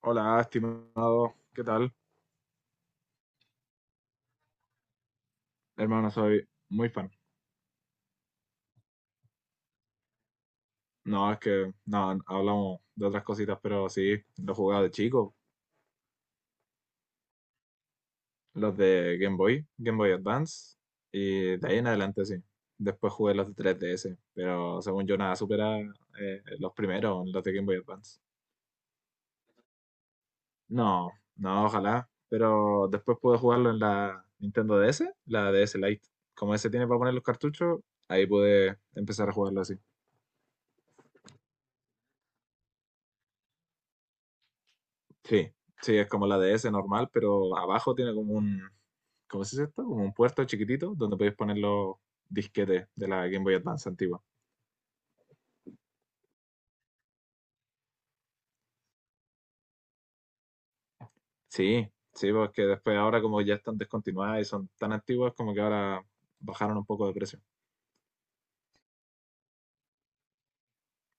Hola, estimado. ¿Qué tal? Hermano, soy muy fan. No, es que no, hablamos de otras cositas, pero sí, los jugaba de chico, los de Game Boy, Game Boy Advance, y de ahí en adelante sí. Después jugué los de 3DS, pero según yo nada supera los primeros, los de Game Boy Advance. No, no, ojalá, pero después pude jugarlo en la Nintendo DS, la DS Lite. Como ese tiene para poner los cartuchos, ahí pude empezar a jugarlo así. Sí, sí, es como la DS normal, pero abajo tiene como un, ¿cómo se dice esto? Como un puerto chiquitito donde podéis poner los disquetes de la Game Boy Advance antigua. Sí, sí, porque después ahora como ya están descontinuadas y son tan antiguas como que ahora bajaron un poco de precio.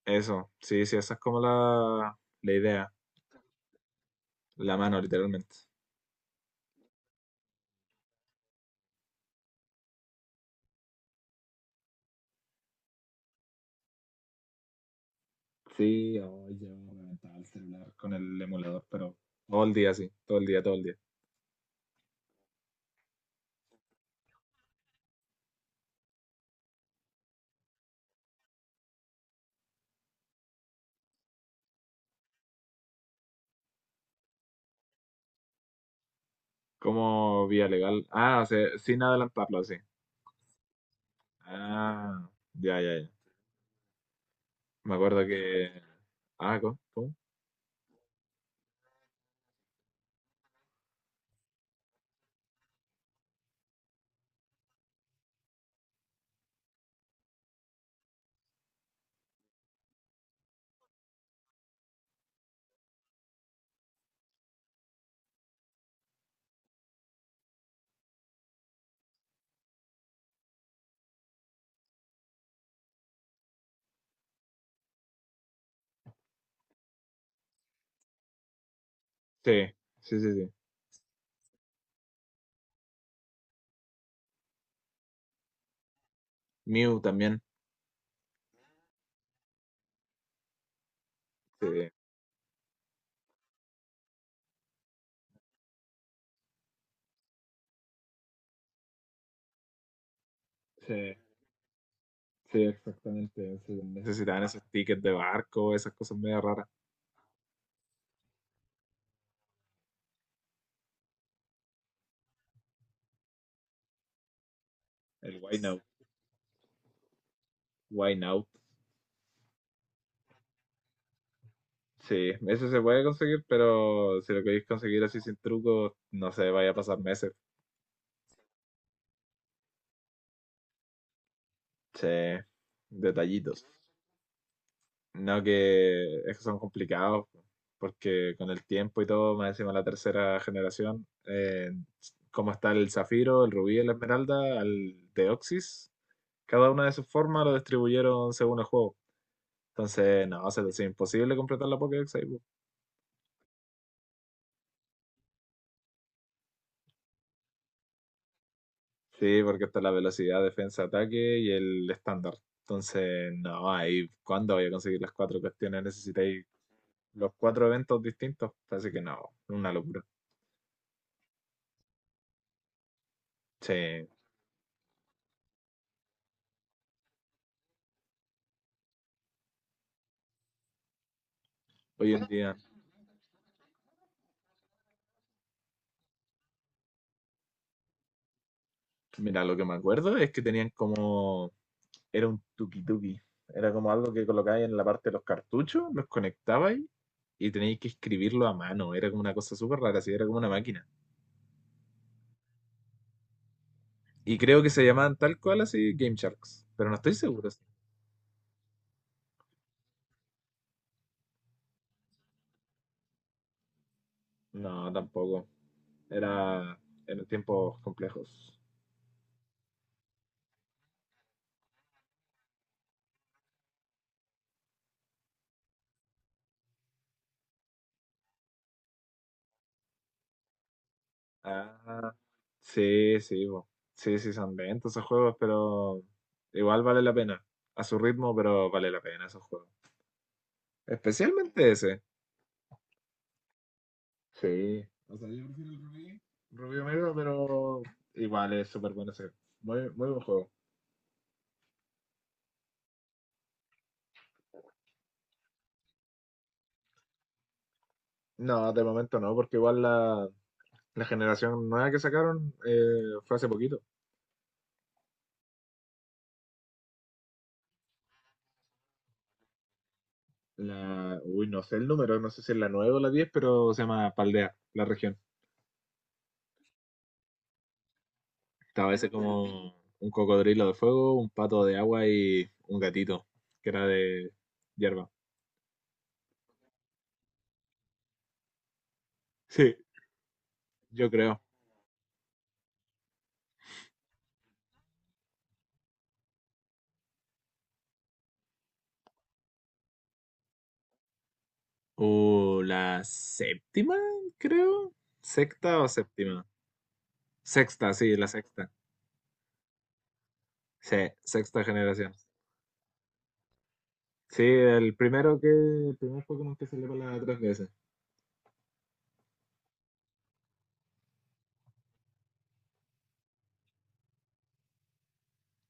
Eso, sí, sí, esa es como la idea, la mano literalmente. Sí, hoy yo me metaba el celular con el emulador, pero todo el día, sí, todo el día, todo el día. Como vía legal. Ah, o sea, sin adelantarlo, así. Ah, ya, ya, ya. Me acuerdo que. Ah, ¿cómo? ¿Cómo? Sí, sí, sí, sí. Mew también. Sí, sí, sí, exactamente, ese también. Necesitaban esos tickets de barco, esas cosas medio raras. El Wine Out. Sí, eso se puede conseguir, pero si lo queréis conseguir así sin truco, no sé, vaya a pasar meses. Sí, detallitos. No, que es que son complicados, porque con el tiempo y todo, más encima la tercera generación, como está el zafiro, el rubí, la esmeralda, el deoxys, cada una de sus formas lo distribuyeron según el juego. Entonces, no, se te hace imposible completar la Pokédex ahí, po. Sí, porque está la velocidad, defensa, ataque y el estándar. Entonces, no, ahí, ¿cuándo voy a conseguir las cuatro cuestiones? Necesitáis los cuatro eventos distintos. Así que no, una locura. Sí, hoy en día. Mira, lo que me acuerdo es que tenían como. Era un tuki-tuki. Era como algo que colocabais en la parte de los cartuchos, los conectabais y teníais que escribirlo a mano. Era como una cosa súper rara, así era como una máquina. Y creo que se llamaban tal cual así Game Sharks, pero no estoy seguro. Sí. No, tampoco. Era en tiempos complejos. Ah, sí, sí, bo. Sí, sí, son lentos esos juegos, pero igual vale la pena. A su ritmo, pero vale la pena esos juegos. Especialmente ese. Sí. O sea, yo prefiero el Rubí, Rubí Omega, pero igual es súper bueno ese. Muy, muy buen juego. No, de momento no, porque igual la generación nueva que sacaron fue hace poquito. La, uy, no sé el número, no sé si es la 9 o la diez pero se llama Paldea, la región. Estaba ese como un cocodrilo de fuego, un pato de agua y un gatito, que era de hierba. Sí, yo creo. La séptima, creo. Sexta o séptima. Sexta, sí, la sexta. Sí, sexta generación. Sí, el primero que, el primer Pokémon que salió para la 3DS.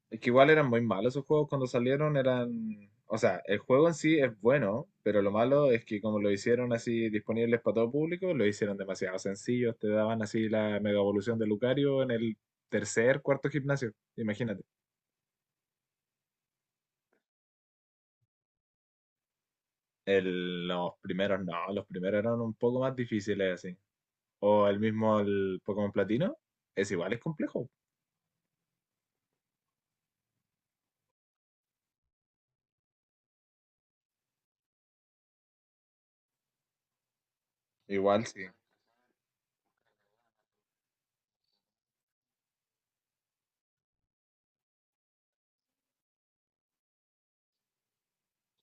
Es que igual eran muy malos esos juegos cuando salieron, eran... O sea, el juego en sí es bueno, pero lo malo es que como lo hicieron así disponibles para todo público, lo hicieron demasiado sencillo. Te daban así la mega evolución de Lucario en el tercer, cuarto gimnasio, imagínate. Los primeros no, los primeros eran un poco más difíciles así. O el mismo el Pokémon Platino, es igual, es complejo. Igual sí.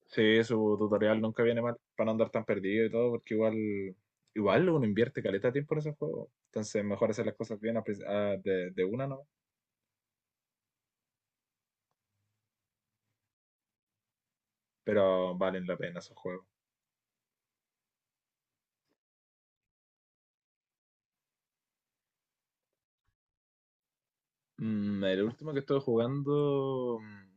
Sí, su tutorial nunca viene mal para no andar tan perdido y todo, porque igual, igual uno invierte caleta de tiempo en esos juegos. Entonces, mejor hacer las cosas bien a prin- a- de una, ¿no? Pero valen la pena esos juegos. Mm, el último que estuve jugando, mm,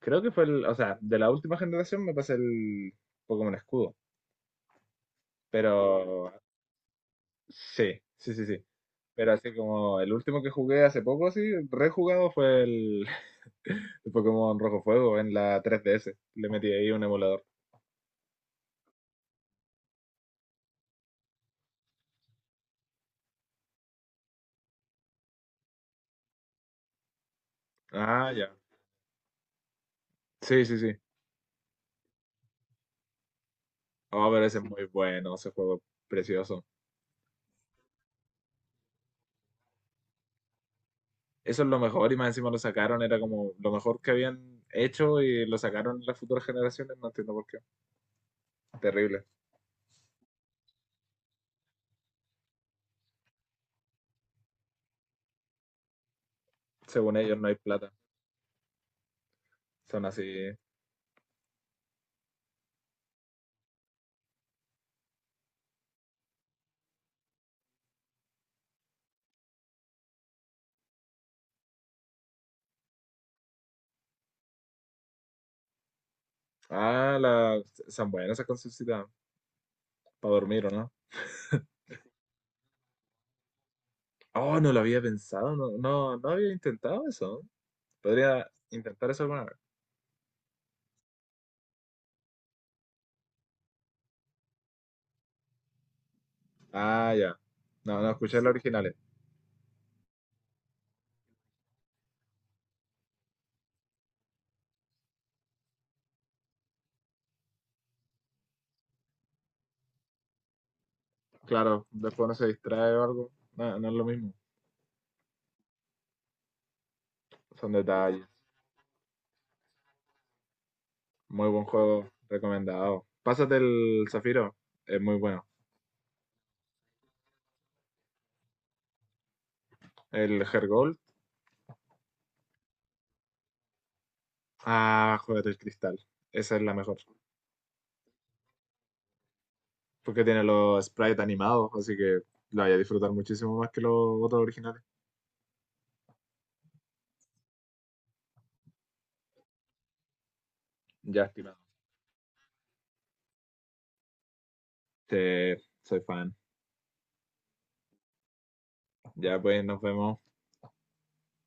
creo que fue el, o sea, de la última generación me pasé el Pokémon Escudo. Pero sí, sí, sí, sí. Pero así como el último que jugué hace poco, así, rejugado fue el, el Pokémon Rojo Fuego en la 3DS. Le metí ahí un emulador. Ah, ya. Sí, sí, sí. Oh, pero ese es muy bueno, ese juego precioso. Eso es lo mejor y más encima lo sacaron, era como lo mejor que habían hecho y lo sacaron las futuras generaciones, no entiendo por qué. Terrible. Según ellos no hay plata. Son así. Ah, la... son buenas esas concesitas para dormir, ¿o no? Oh, no lo había pensado, no, no, no había intentado eso. Podría intentar eso alguna vez. Ah, ya. No, no escuché los originales. Claro, después no se distrae o algo. No, no es lo mismo. Son detalles. Muy buen juego, recomendado. Pásate el Zafiro, es muy bueno. El Hergold, ah, juegate el Cristal. Esa es la mejor. Porque tiene los sprites animados, así que la voy a disfrutar muchísimo más que los otros originales. Ya, estimado. Te- soy fan. Ya pues, nos vemos.